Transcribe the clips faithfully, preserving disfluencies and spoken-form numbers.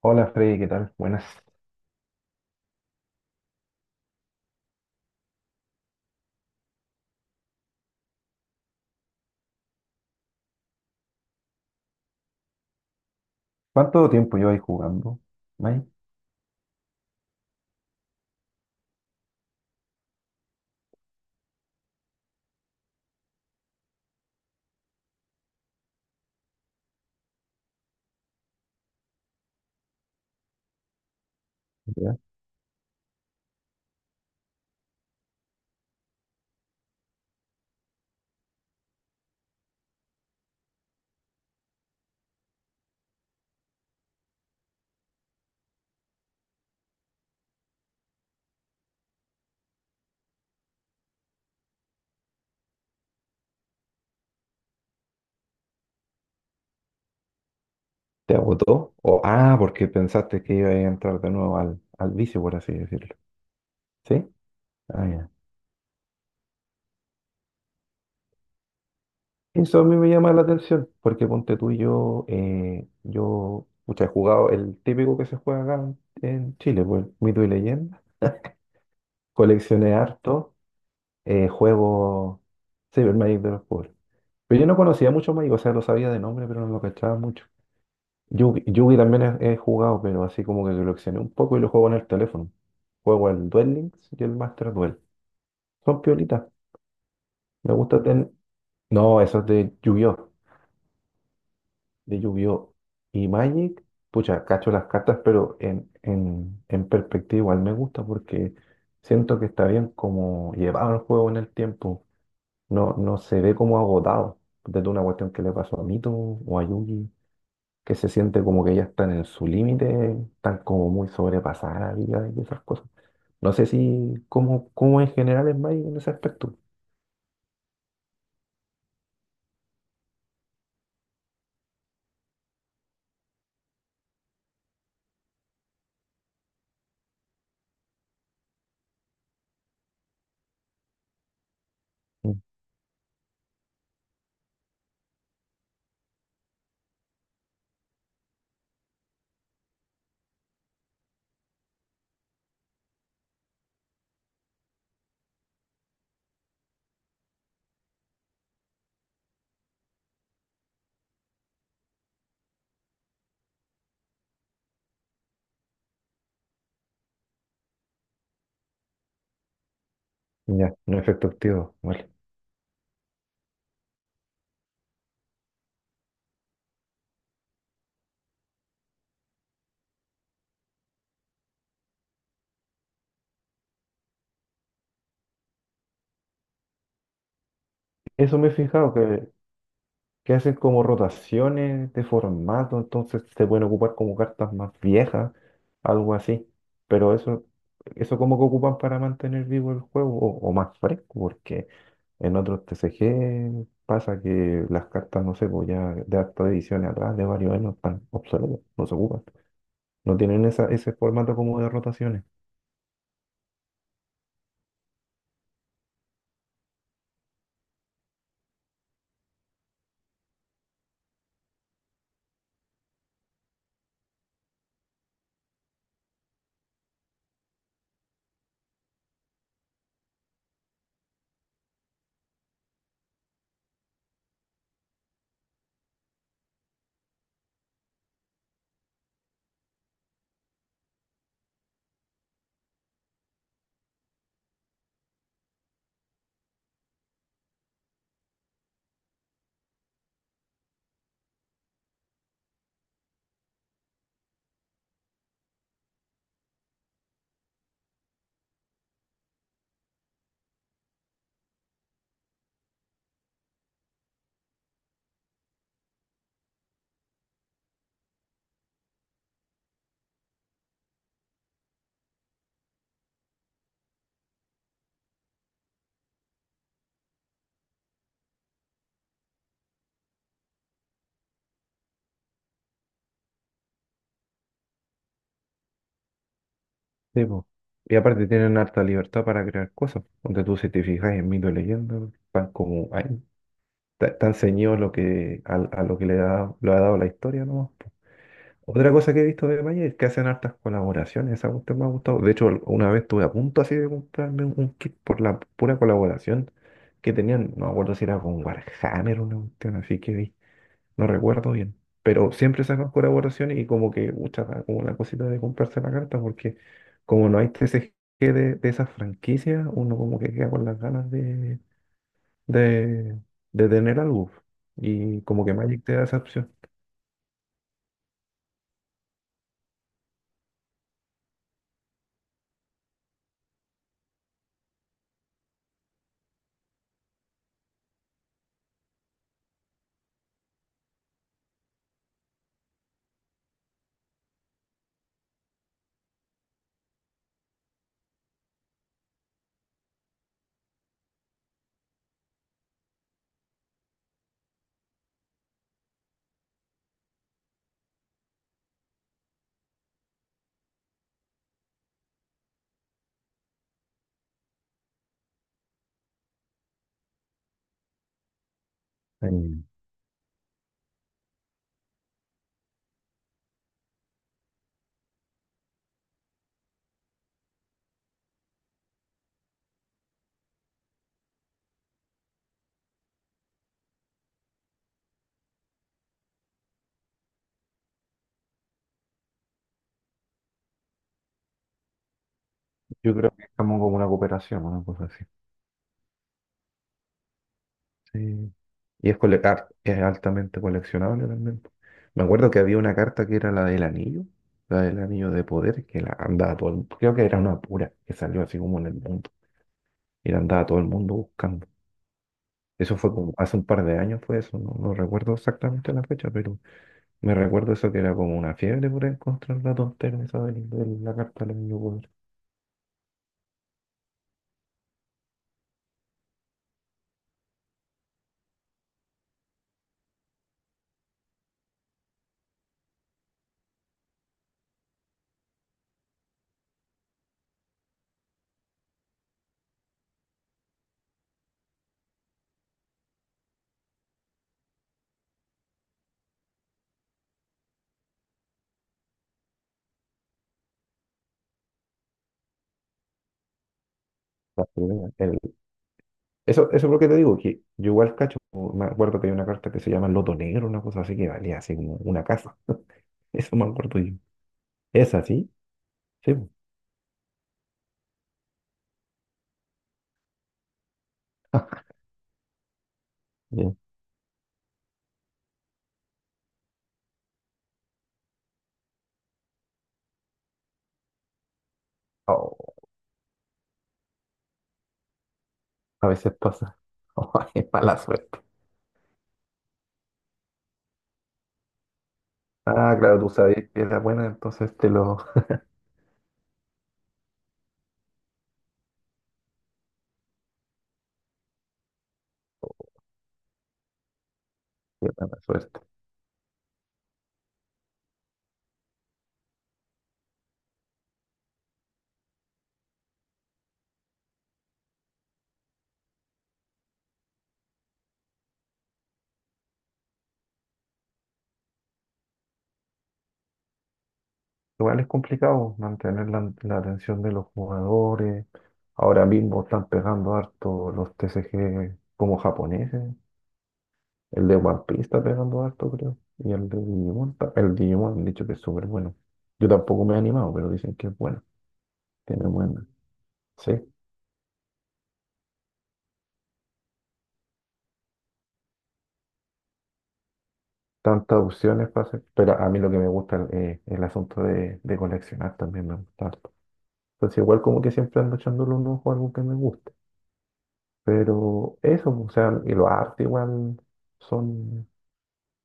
Hola Freddy, ¿qué tal? Buenas. ¿Cuánto tiempo llevas jugando? ¿May? ¿Ya? ¿Te agotó? O, ah, porque pensaste que iba a entrar de nuevo al, al vicio, por así decirlo. ¿Sí? Ah, ya. Eso a mí me llama la atención, porque ponte tú y yo, eh, yo pucha, he jugado el típico que se juega acá en en Chile, pues, Mito y Leyenda. Coleccioné harto, eh, juego Cyber Magic de los pobres. Pero yo no conocía mucho Magic, o sea, lo sabía de nombre, pero no lo cachaba mucho. Yugi, Yugi también he, he jugado, pero así como que lo accioné un poco y lo juego en el teléfono. Juego el Duel Links y el Master Duel. Son piolitas. Me gusta tener. No, eso es de Yu-Gi-Oh! De Yu-Gi-Oh! Y Magic, pucha, cacho las cartas, pero en, en, en perspectiva igual me gusta porque siento que está bien como llevado el juego en el tiempo. No, no se ve como agotado. Desde una cuestión que le pasó a Mito o a Yugi, que se siente como que ya están en su límite, están como muy sobrepasadas la vida y esas cosas. No sé si, cómo, cómo en general es Magic en ese aspecto. Mm. Ya, no efecto activo. Vale. Eso me he fijado, que que hacen como rotaciones de formato, entonces se pueden ocupar como cartas más viejas, algo así. Pero eso, eso como que ocupan para mantener vivo el juego o, o más fresco, porque en otros T C G pasa que las cartas, no sé, pues ya de hartas ediciones atrás, de varios años, están obsoletas, no se ocupan. No tienen esa, ese formato como de rotaciones. Sí, po. Y aparte tienen harta libertad para crear cosas. Donde tú, si te fijas en Mito y Leyenda, están como ahí. Ta- tan ceñido lo que, a, a lo que le da, lo ha dado la historia, ¿no? Otra cosa que he visto de Maya es que hacen hartas colaboraciones, esa cuestión me ha gustado. De hecho, una vez estuve a punto así de comprarme un, un kit por la pura colaboración que tenían, no me acuerdo si era con Warhammer o una cuestión así que vi, no recuerdo bien. Pero siempre sacan colaboraciones y como que, mucha como una cosita de comprarse la carta porque como no hay T C G de, de esas franquicias, uno como que queda con las ganas de de, de tener algo. Y como que Magic te da esa opción. Eh. Yo creo que estamos como como una cooperación, una cosa así. Sí. Y es, cole- ar- es altamente coleccionable también. Me acuerdo que había una carta que era la del anillo, la del anillo de poder, que la andaba todo el mundo. Creo que era una pura que salió así como en el mundo. Y la andaba todo el mundo buscando. Eso fue como hace un par de años fue eso, no, no recuerdo exactamente la fecha, pero me recuerdo eso que era como una fiebre por encontrar la tontera esa de, de la carta del anillo. La primera, el- Eso, eso es lo que te digo, que yo igual cacho, me acuerdo que hay una carta que se llama Loto Negro, una cosa así que valía así como una casa. Eso me acuerdo yo. ¿Es así? Sí, po. Bien. Oh, a veces pasa. Oh, es mala suerte. Ah, claro, tú sabías que era buena, entonces te lo... Qué mala suerte. Igual es complicado mantener la, la atención de los jugadores. Ahora mismo están pegando harto los T C G como japoneses. El de One Piece está pegando harto, creo. Y el de Digimon, ta- el Digimon han dicho que es súper bueno. Yo tampoco me he animado, pero dicen que es bueno. Tiene buena. Sí, tantas opciones para hacer. Pero a mí lo que me gusta es el asunto de, de coleccionar también me gusta harto. Entonces igual como que siempre ando echándole un ojo a algo que me guste. Pero eso, o sea, y los arte igual son,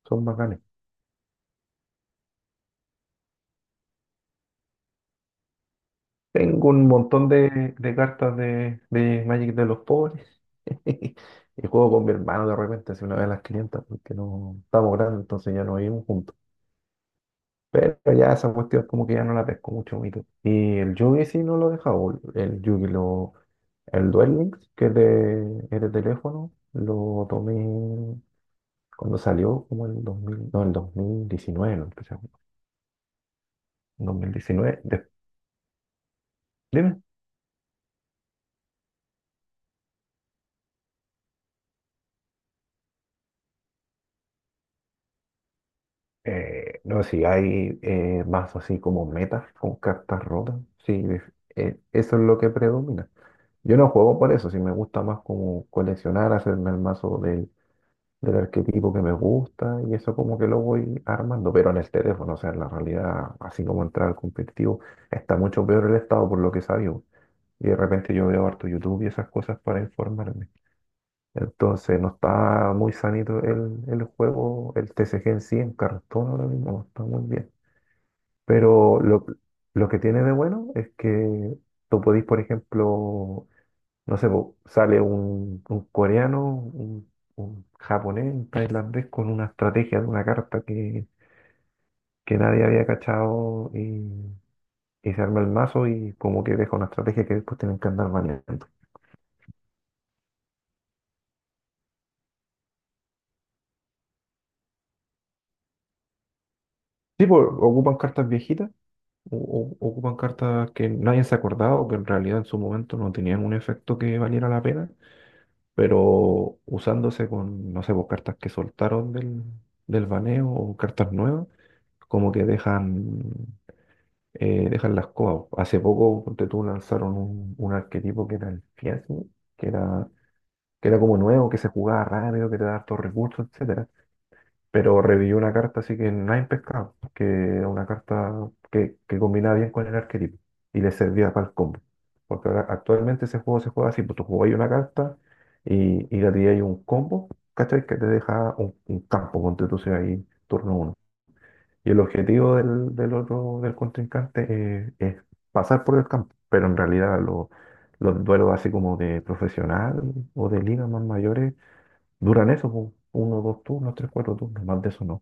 son bacanes. Tengo un montón de, de cartas de, de Magic de los pobres. Y juego con mi hermano de repente, hace una vez a las quinientas, porque no estamos grandes, entonces ya no vivimos juntos. Pero ya esa cuestión como que ya no la pesco mucho, Mito. Y el Yugi sí no lo he dejado. El Yugi, lo, el Duel Links, que es de, es de teléfono, lo tomé cuando salió, como en el dos mil, no, el dos mil diecinueve, lo empecé a jugar. dos mil diecinueve, de- dime. Eh, no, sé si hay eh, mazos así como metas con cartas rotas, sí, eh, eso es lo que predomina. Yo no juego por eso, si me gusta más como coleccionar, hacerme el mazo del, del arquetipo que me gusta y eso como que lo voy armando, pero en el teléfono, o sea, en la realidad, así como entrar al competitivo, está mucho peor el estado por lo que sabio. Y de repente yo veo harto YouTube y esas cosas para informarme. Entonces no está muy sanito el, el juego, el T C G en sí, en cartón ahora mismo, no está muy bien. Pero lo, lo que tiene de bueno es que tú podís, por ejemplo, no sé, po, sale un, un coreano, un, un japonés, un tailandés con una estrategia de una carta que, que nadie había cachado y, y se arma el mazo y como que deja una estrategia que después tienen que andar manejando. Sí, pues ocupan cartas viejitas, o- o- ocupan cartas que nadie se ha acordado, que en realidad en su momento no tenían un efecto que valiera la pena, pero usándose con, no sé, pues, cartas que soltaron del, del baneo o cartas nuevas, como que dejan, eh, dejan las cosas. Hace poco, ponte tú, lanzaron un, un arquetipo que era el Fiasmi, que era, que era como nuevo, que se jugaba rápido, que te da hartos recursos, etcétera, pero revivió una carta así que nadie pescado, que era una carta que, que combinaba bien con el arquetipo y le servía para el combo. Porque ahora actualmente ese juego se juega así, pues tú jugáis una carta y, y la tiráis un combo, ¿cachai? Que te deja un, un campo, ponte tú sea ahí turno uno. Y el objetivo del, del otro, del contrincante eh, es pasar por el campo, pero en realidad lo- los duelos así como de profesional o de ligas más mayores duran eso, pues, uno, dos turnos, tres, cuatro turnos, más de eso no.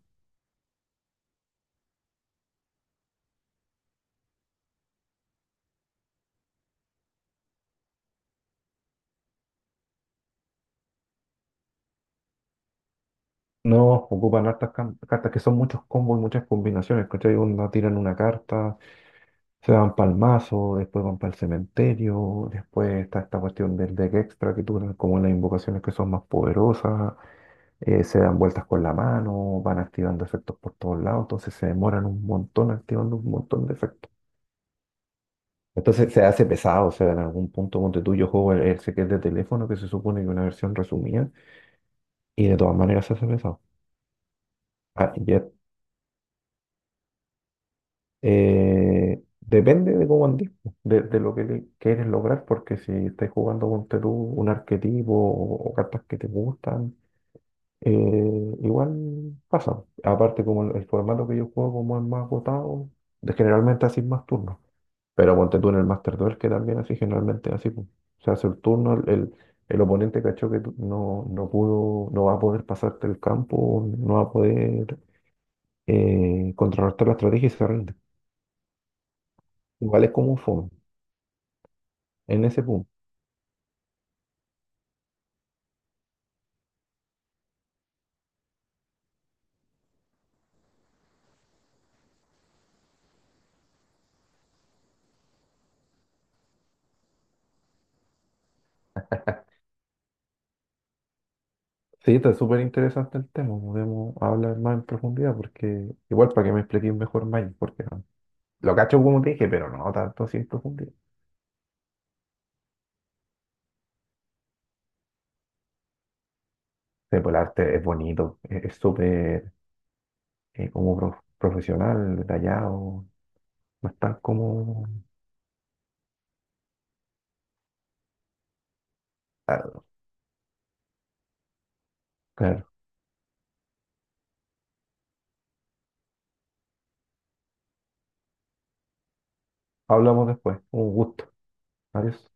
No, ocupan hartas cam- cartas que son muchos combos y muchas combinaciones, ¿cachai? Onda, tiran una carta, se van para el mazo, después van para el cementerio, después está esta cuestión del deck extra que duran como las invocaciones que son más poderosas, eh, se dan vueltas con la mano, van activando efectos por todos lados, entonces se demoran un montón activando un montón de efectos. Entonces se hace pesado, o sea, en algún punto ponte tú, yo juego el, el que es de teléfono, que se supone que es una versión resumida, y de todas maneras se hace pesado. Ah, y es Eh, depende de cómo andís, po, de, de lo que le- quieres lograr, porque si estás jugando con tú un arquetipo o, o cartas que te gustan, eh, igual pasa. Aparte, como el, el formato que yo juego, como es más agotado, de- generalmente así más turnos. Pero ponte tú en el Master Duel, que también así generalmente así, po. Se hace el turno, el, el- el oponente cachó que tú no, no pudo, no va a poder pasarte el campo, no va a poder eh, contrarrestar la estrategia y se rinde. Igual es como un fome en ese punto. Sí, está súper interesante el tema. Podemos hablar más en profundidad porque igual para que me expliques mejor más, porque no- lo cacho como te dije, pero no tanto así en profundidad. Sí, pues el arte es bonito, es es súper eh, como prof- profesional, detallado, no es tan como... Claro, claro. Hablamos después. Un gusto. Adiós.